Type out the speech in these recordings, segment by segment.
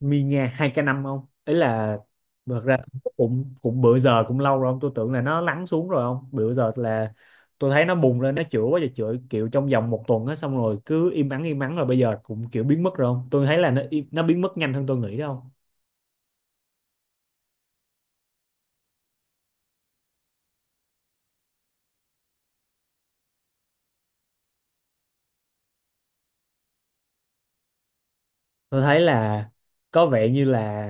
Mi nghe hai k năm không ấy là thật ra cũng cũng bữa giờ cũng lâu rồi không, tôi tưởng là nó lắng xuống rồi không. Bữa giờ là tôi thấy nó bùng lên, nó chữa quá trời chữa kiểu trong vòng một tuần á, xong rồi cứ im ắng rồi bây giờ cũng kiểu biến mất rồi không. Tôi thấy là nó nó biến mất nhanh hơn tôi nghĩ đó không. Tôi thấy là có vẻ như là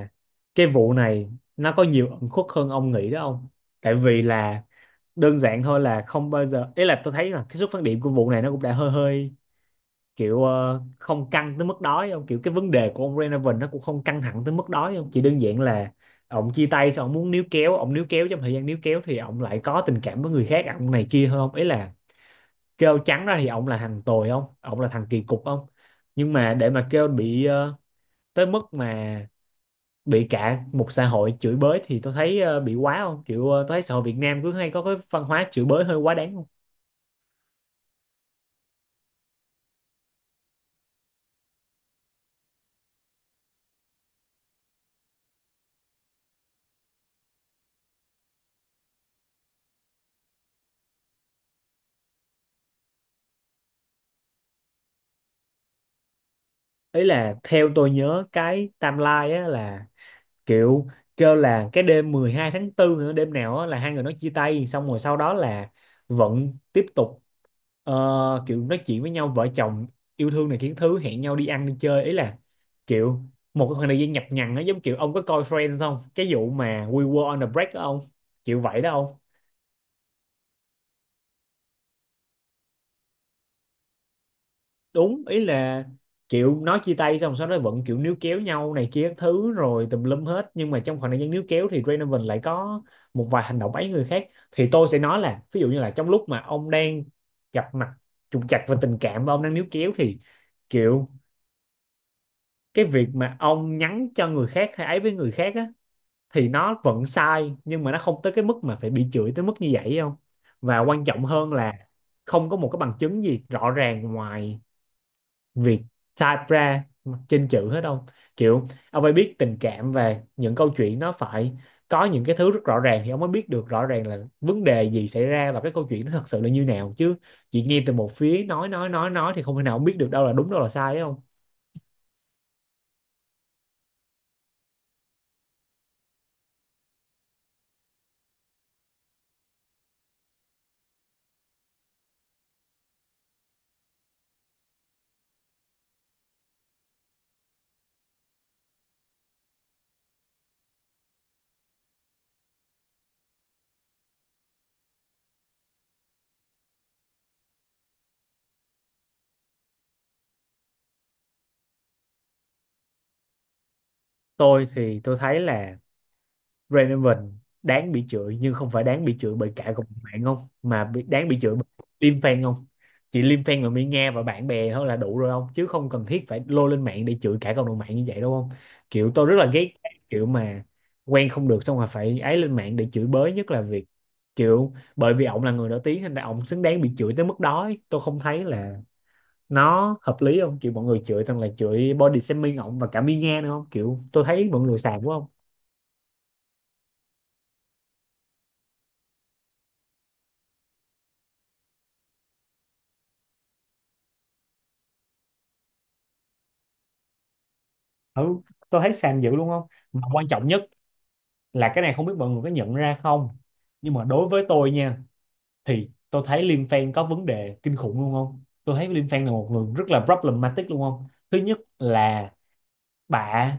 cái vụ này nó có nhiều ẩn khuất hơn ông nghĩ đó không. Tại vì là đơn giản thôi là không bao giờ, ý là tôi thấy là cái xuất phát điểm của vụ này nó cũng đã hơi hơi kiểu không căng tới mức đó ấy không, kiểu cái vấn đề của ông Renovan nó cũng không căng thẳng tới mức đó ấy không, chỉ đơn giản là ông chia tay xong ông muốn níu kéo, ông níu kéo trong thời gian níu kéo thì ông lại có tình cảm với người khác, ông này kia hơn không. Ý là kêu trắng ra thì ông là thằng tồi không, ông là thằng kỳ cục không, nhưng mà để mà kêu bị tới mức mà bị cả một xã hội chửi bới thì tôi thấy bị quá không, kiểu tôi thấy xã hội Việt Nam cứ hay có cái văn hóa chửi bới hơi quá đáng không. Ý là theo tôi nhớ cái timeline á là kiểu kêu là cái đêm 12 tháng 4, nữa đêm nào á là hai người nó chia tay, xong rồi sau đó là vẫn tiếp tục kiểu nói chuyện với nhau, vợ chồng yêu thương này kiến thứ, hẹn nhau đi ăn đi chơi. Ý là kiểu một cái khoảng thời gian nhập nhằng á, giống kiểu ông có coi Friends không, cái vụ mà We were on a break đó không, kiểu vậy đó. Đúng, ý là kiểu nói chia tay xong sau đó vẫn kiểu níu kéo nhau này kia các thứ rồi tùm lum hết, nhưng mà trong khoảng thời gian níu kéo thì Donovan lại có một vài hành động ấy người khác. Thì tôi sẽ nói là ví dụ như là trong lúc mà ông đang gặp mặt trục trặc về tình cảm và ông đang níu kéo thì kiểu cái việc mà ông nhắn cho người khác hay ấy với người khác á thì nó vẫn sai, nhưng mà nó không tới cái mức mà phải bị chửi tới mức như vậy không. Và quan trọng hơn là không có một cái bằng chứng gì rõ ràng ngoài việc type ra trên chữ hết không. Kiểu ông phải biết tình cảm và những câu chuyện nó phải có những cái thứ rất rõ ràng thì ông mới biết được rõ ràng là vấn đề gì xảy ra và cái câu chuyện nó thật sự là như nào chứ. Chỉ nghe từ một phía nói thì không thể nào ông biết được đâu là đúng đâu là sai ấy không. Tôi thì tôi thấy là Raven đáng bị chửi, nhưng không phải đáng bị chửi bởi cả cộng đồng mạng không, mà bị, đáng bị chửi bởi Liêm fan không. Chỉ Liêm fan là mi Nga và bạn bè thôi là đủ rồi không, chứ không cần thiết phải lôi lên mạng để chửi cả cộng đồng mạng như vậy đâu không. Kiểu tôi rất là ghét cái kiểu mà quen không được xong rồi phải ấy lên mạng để chửi bới, nhất là việc kiểu bởi vì ổng là người nổi tiếng nên là ổng xứng đáng bị chửi tới mức đó ấy. Tôi không thấy là nó hợp lý không, kiểu mọi người chửi toàn là chửi body shaming ổng và cả mi Nga nữa không, kiểu tôi thấy mọi người xàm quá không. Ừ, tôi thấy xàm dữ luôn không. Mà quan trọng nhất là cái này không biết mọi người có nhận ra không, nhưng mà đối với tôi nha, thì tôi thấy Liên Fan có vấn đề kinh khủng luôn không, tôi thấy Liên Fan là một người rất là problematic luôn không. Thứ nhất là bà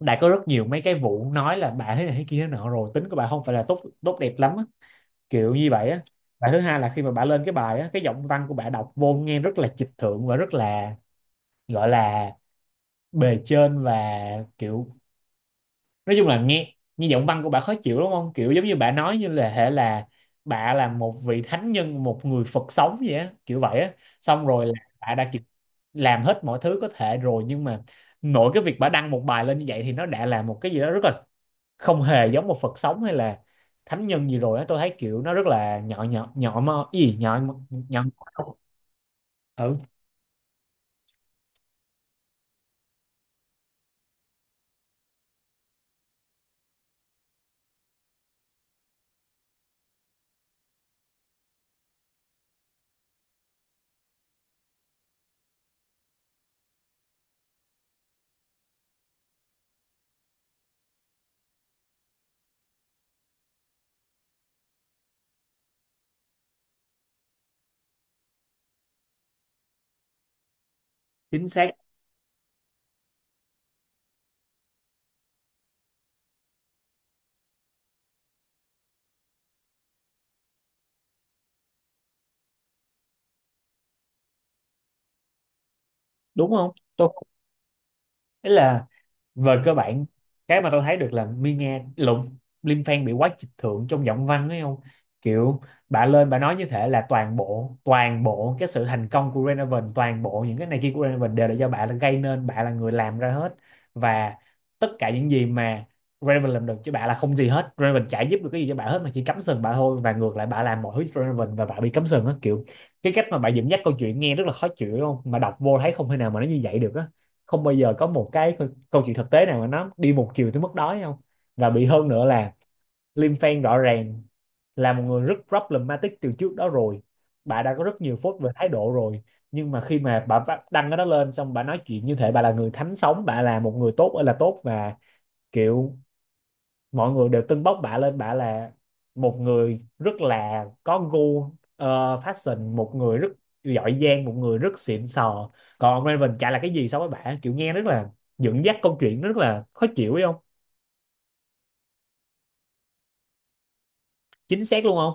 đã có rất nhiều mấy cái vụ nói là bà thế này thế kia thế nọ rồi, tính của bà không phải là tốt tốt đẹp lắm á, kiểu như vậy á. Và thứ hai là khi mà bà lên cái bài á, cái giọng văn của bà đọc vô nghe rất là trịch thượng và rất là, gọi là, bề trên và kiểu nói chung là nghe nghe giọng văn của bà khó chịu đúng không, kiểu giống như bà nói như là hệ là bà là một vị thánh nhân, một người Phật sống vậy á, kiểu vậy á. Xong rồi là bà đã kiểu làm hết mọi thứ có thể rồi, nhưng mà nội cái việc bà đăng một bài lên như vậy thì nó đã là một cái gì đó rất là không hề giống một Phật sống hay là thánh nhân gì rồi á. Tôi thấy kiểu nó rất là nhỏ nhỏ nhỏ mơ cái gì nhỏ nhỏ, nhỏ. Ừ, chính xác đúng không. Tôi ý là về cơ bản cái mà tôi thấy được là Mi Nga lụng Lim Fan bị quá trịch thượng trong giọng văn ấy không. Kiểu bà lên bà nói như thế là toàn bộ cái sự thành công của Renaven, toàn bộ những cái này kia của Renaven đều là do bà là gây nên, bà là người làm ra hết và tất cả những gì mà Renaven làm được chứ bà là không gì hết, Renaven chả giúp được cái gì cho bà hết mà chỉ cắm sừng bà thôi, và ngược lại bà làm mọi thứ cho Renaven và bà bị cắm sừng á, kiểu cái cách mà bà dẫn dắt câu chuyện nghe rất là khó chịu đúng không, mà đọc vô thấy không thể nào mà nó như vậy được á. Không bao giờ có một cái câu chuyện thực tế nào mà nó đi một chiều tới mức đó không. Và bị hơn nữa là Lim Fan rõ ràng là một người rất problematic từ trước đó rồi, bà đã có rất nhiều phốt về thái độ rồi. Nhưng mà khi mà bà đăng cái đó lên xong bà nói chuyện như thể bà là người thánh sống, bà là một người tốt ơi là tốt và kiểu mọi người đều tưng bốc bả lên, bả là một người rất là có gu fashion, một người rất giỏi giang, một người rất xịn sò, còn ông Raven chả là cái gì so với bả, kiểu nghe rất là dẫn dắt câu chuyện rất là khó chịu ấy không. Chính xác luôn không.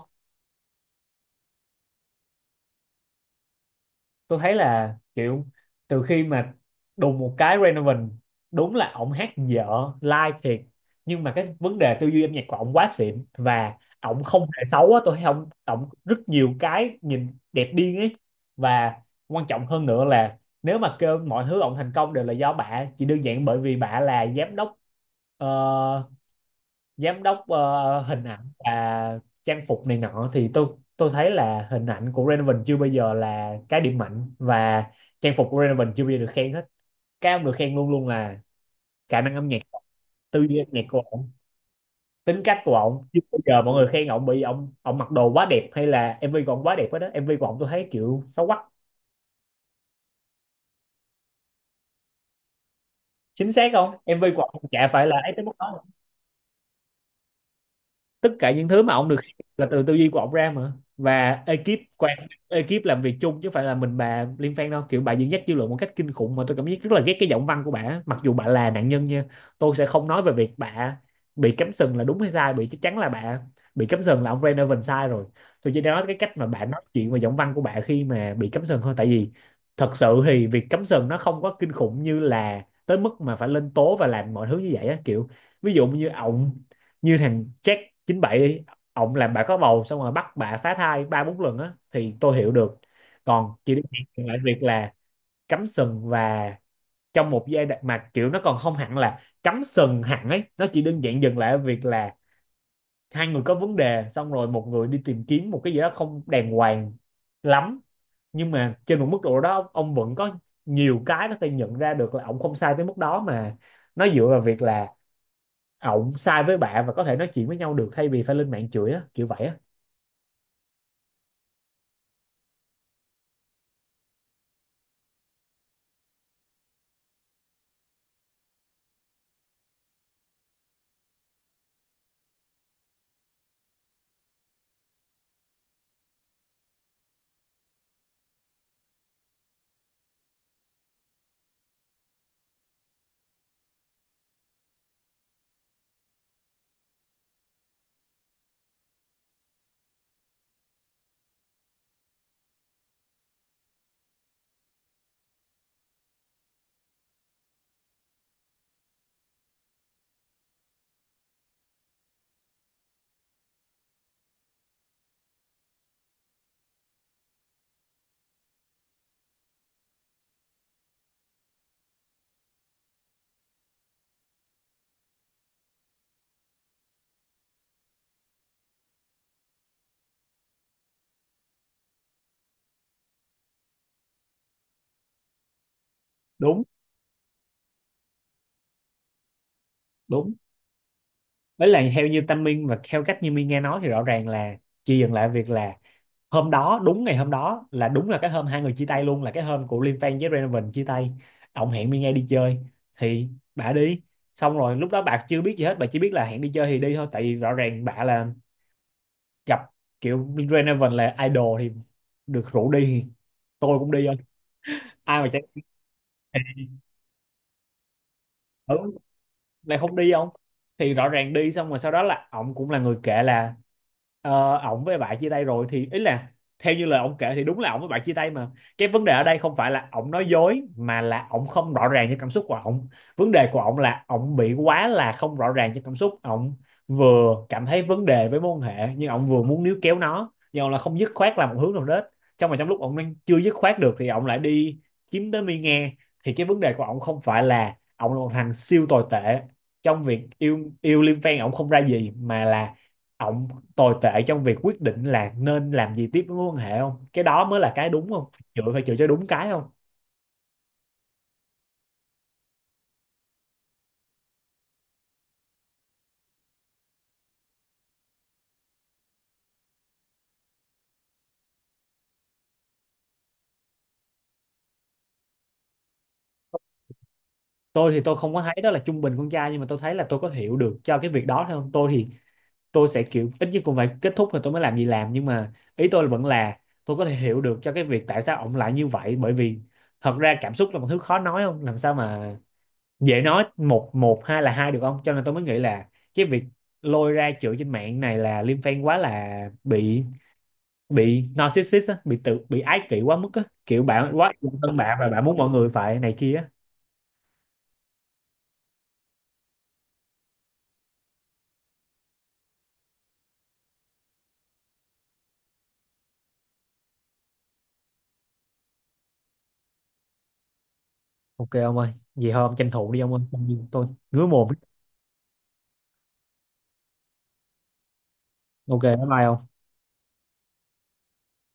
Tôi thấy là kiểu từ khi mà đùng một cái Renovan, đúng là ổng hát dở live thiệt, nhưng mà cái vấn đề tư duy âm nhạc của ổng quá xịn và ổng không hề xấu á, tôi thấy ổng ổng rất nhiều cái nhìn đẹp điên ấy. Và quan trọng hơn nữa là nếu mà kêu mọi thứ ổng thành công đều là do bả chỉ đơn giản bởi vì bả là giám đốc ờ, giám đốc hình ảnh và trang phục này nọ, thì tôi thấy là hình ảnh của Raven chưa bao giờ là cái điểm mạnh và trang phục của Raven chưa bao giờ được khen hết. Cái ông được khen luôn luôn là khả năng âm nhạc, tư duy âm nhạc của ổng, tính cách của ổng. Chưa bao giờ mọi người khen ổng bị ổng ổng mặc đồ quá đẹp hay là MV của ổng quá đẹp hết đó. MV của ổng tôi thấy kiểu xấu quắc. Chính xác không. MV của ổng chả phải là ấy tới mức đó. Tất cả những thứ mà ông được là từ tư duy của ông ra mà, và ekip làm việc chung, chứ không phải là mình bà Liên Phan đâu. Kiểu bà dẫn dắt dư luận một cách kinh khủng mà tôi cảm giác rất là ghét cái giọng văn của bà, mặc dù bà là nạn nhân nha. Tôi sẽ không nói về việc bà bị cắm sừng là đúng hay sai, bị chắc chắn là bà bị cắm sừng là ông Renovan sai rồi. Tôi chỉ nói cái cách mà bà nói chuyện và giọng văn của bà khi mà bị cắm sừng thôi, tại vì thật sự thì việc cắm sừng nó không có kinh khủng như là tới mức mà phải lên tố và làm mọi thứ như vậy á, kiểu ví dụ như ổng, như thằng Jack 97 đi, ổng làm bà có bầu xong rồi bắt bà phá thai ba bốn lần á thì tôi hiểu được. Còn chỉ đơn Giản lại việc là cắm sừng, và trong một giai đoạn mà kiểu nó còn không hẳn là cắm sừng hẳn ấy, nó chỉ đơn giản dừng lại ở việc là hai người có vấn đề xong rồi một người đi tìm kiếm một cái gì đó không đàng hoàng lắm. Nhưng mà trên một mức độ đó ông vẫn có nhiều cái nó thể nhận ra được là ông không sai tới mức đó mà, nó dựa vào việc là ổng sai với bạn và có thể nói chuyện với nhau được thay vì phải lên mạng chửi á, kiểu vậy á. Đúng, đúng. Với lại theo như Tâm Minh và theo cách như Minh nghe nói thì rõ ràng là chị dừng lại việc là hôm đó, đúng ngày hôm đó là đúng là cái hôm hai người chia tay luôn, là cái hôm của Liêm Phan với Renovan chia tay. Ông hẹn Minh nghe đi chơi thì bà đi, xong rồi lúc đó bà chưa biết gì hết, bà chỉ biết là hẹn đi chơi thì đi thôi, tại vì rõ ràng bà là gặp kiểu Renovan là idol thì được rủ đi thì tôi cũng đi thôi, ai mà chạy. Ừ, lại không đi không? Thì rõ ràng đi xong rồi sau đó là ổng cũng là người kể là, ổng với bạn chia tay rồi thì ý là theo như lời ổng kể thì đúng là ổng với bạn chia tay. Mà cái vấn đề ở đây không phải là ổng nói dối mà là ổng không rõ ràng cho cảm xúc của ổng. Vấn đề của ổng là ổng bị quá là không rõ ràng cho cảm xúc ổng, vừa cảm thấy vấn đề với mối quan hệ nhưng ổng vừa muốn níu kéo nó, nhưng ổng là không dứt khoát làm một hướng nào hết. Trong lúc ổng đang chưa dứt khoát được thì ổng lại đi kiếm tới mi nghe, thì cái vấn đề của ổng không phải là ổng là một thằng siêu tồi tệ trong việc yêu yêu Liêm Phen, ổng không ra gì, mà là ổng tồi tệ trong việc quyết định là nên làm gì tiếp với mối quan hệ không. Cái đó mới là cái đúng không, chữa phải chữa cho đúng cái không. Tôi thì tôi không có thấy đó là trung bình con trai, nhưng mà tôi thấy là tôi có hiểu được cho cái việc đó thôi không. Tôi thì tôi sẽ kiểu ít nhất cũng phải kết thúc rồi tôi mới làm gì làm, nhưng mà ý tôi vẫn là tôi có thể hiểu được cho cái việc tại sao ổng lại như vậy, bởi vì thật ra cảm xúc là một thứ khó nói không, làm sao mà dễ nói một một hai là hai được không. Cho nên tôi mới nghĩ là cái việc lôi ra chửi trên mạng này là Liêm Phen quá là bị narcissist á, bị tự bị ái kỷ quá mức á, kiểu bạn quá yêu thân bạn và bạn muốn mọi người phải này kia á. Ok ông ơi, vậy thôi ông tranh thủ đi ông ơi. Tôi ngứa mồm. Ok, bye bye ông.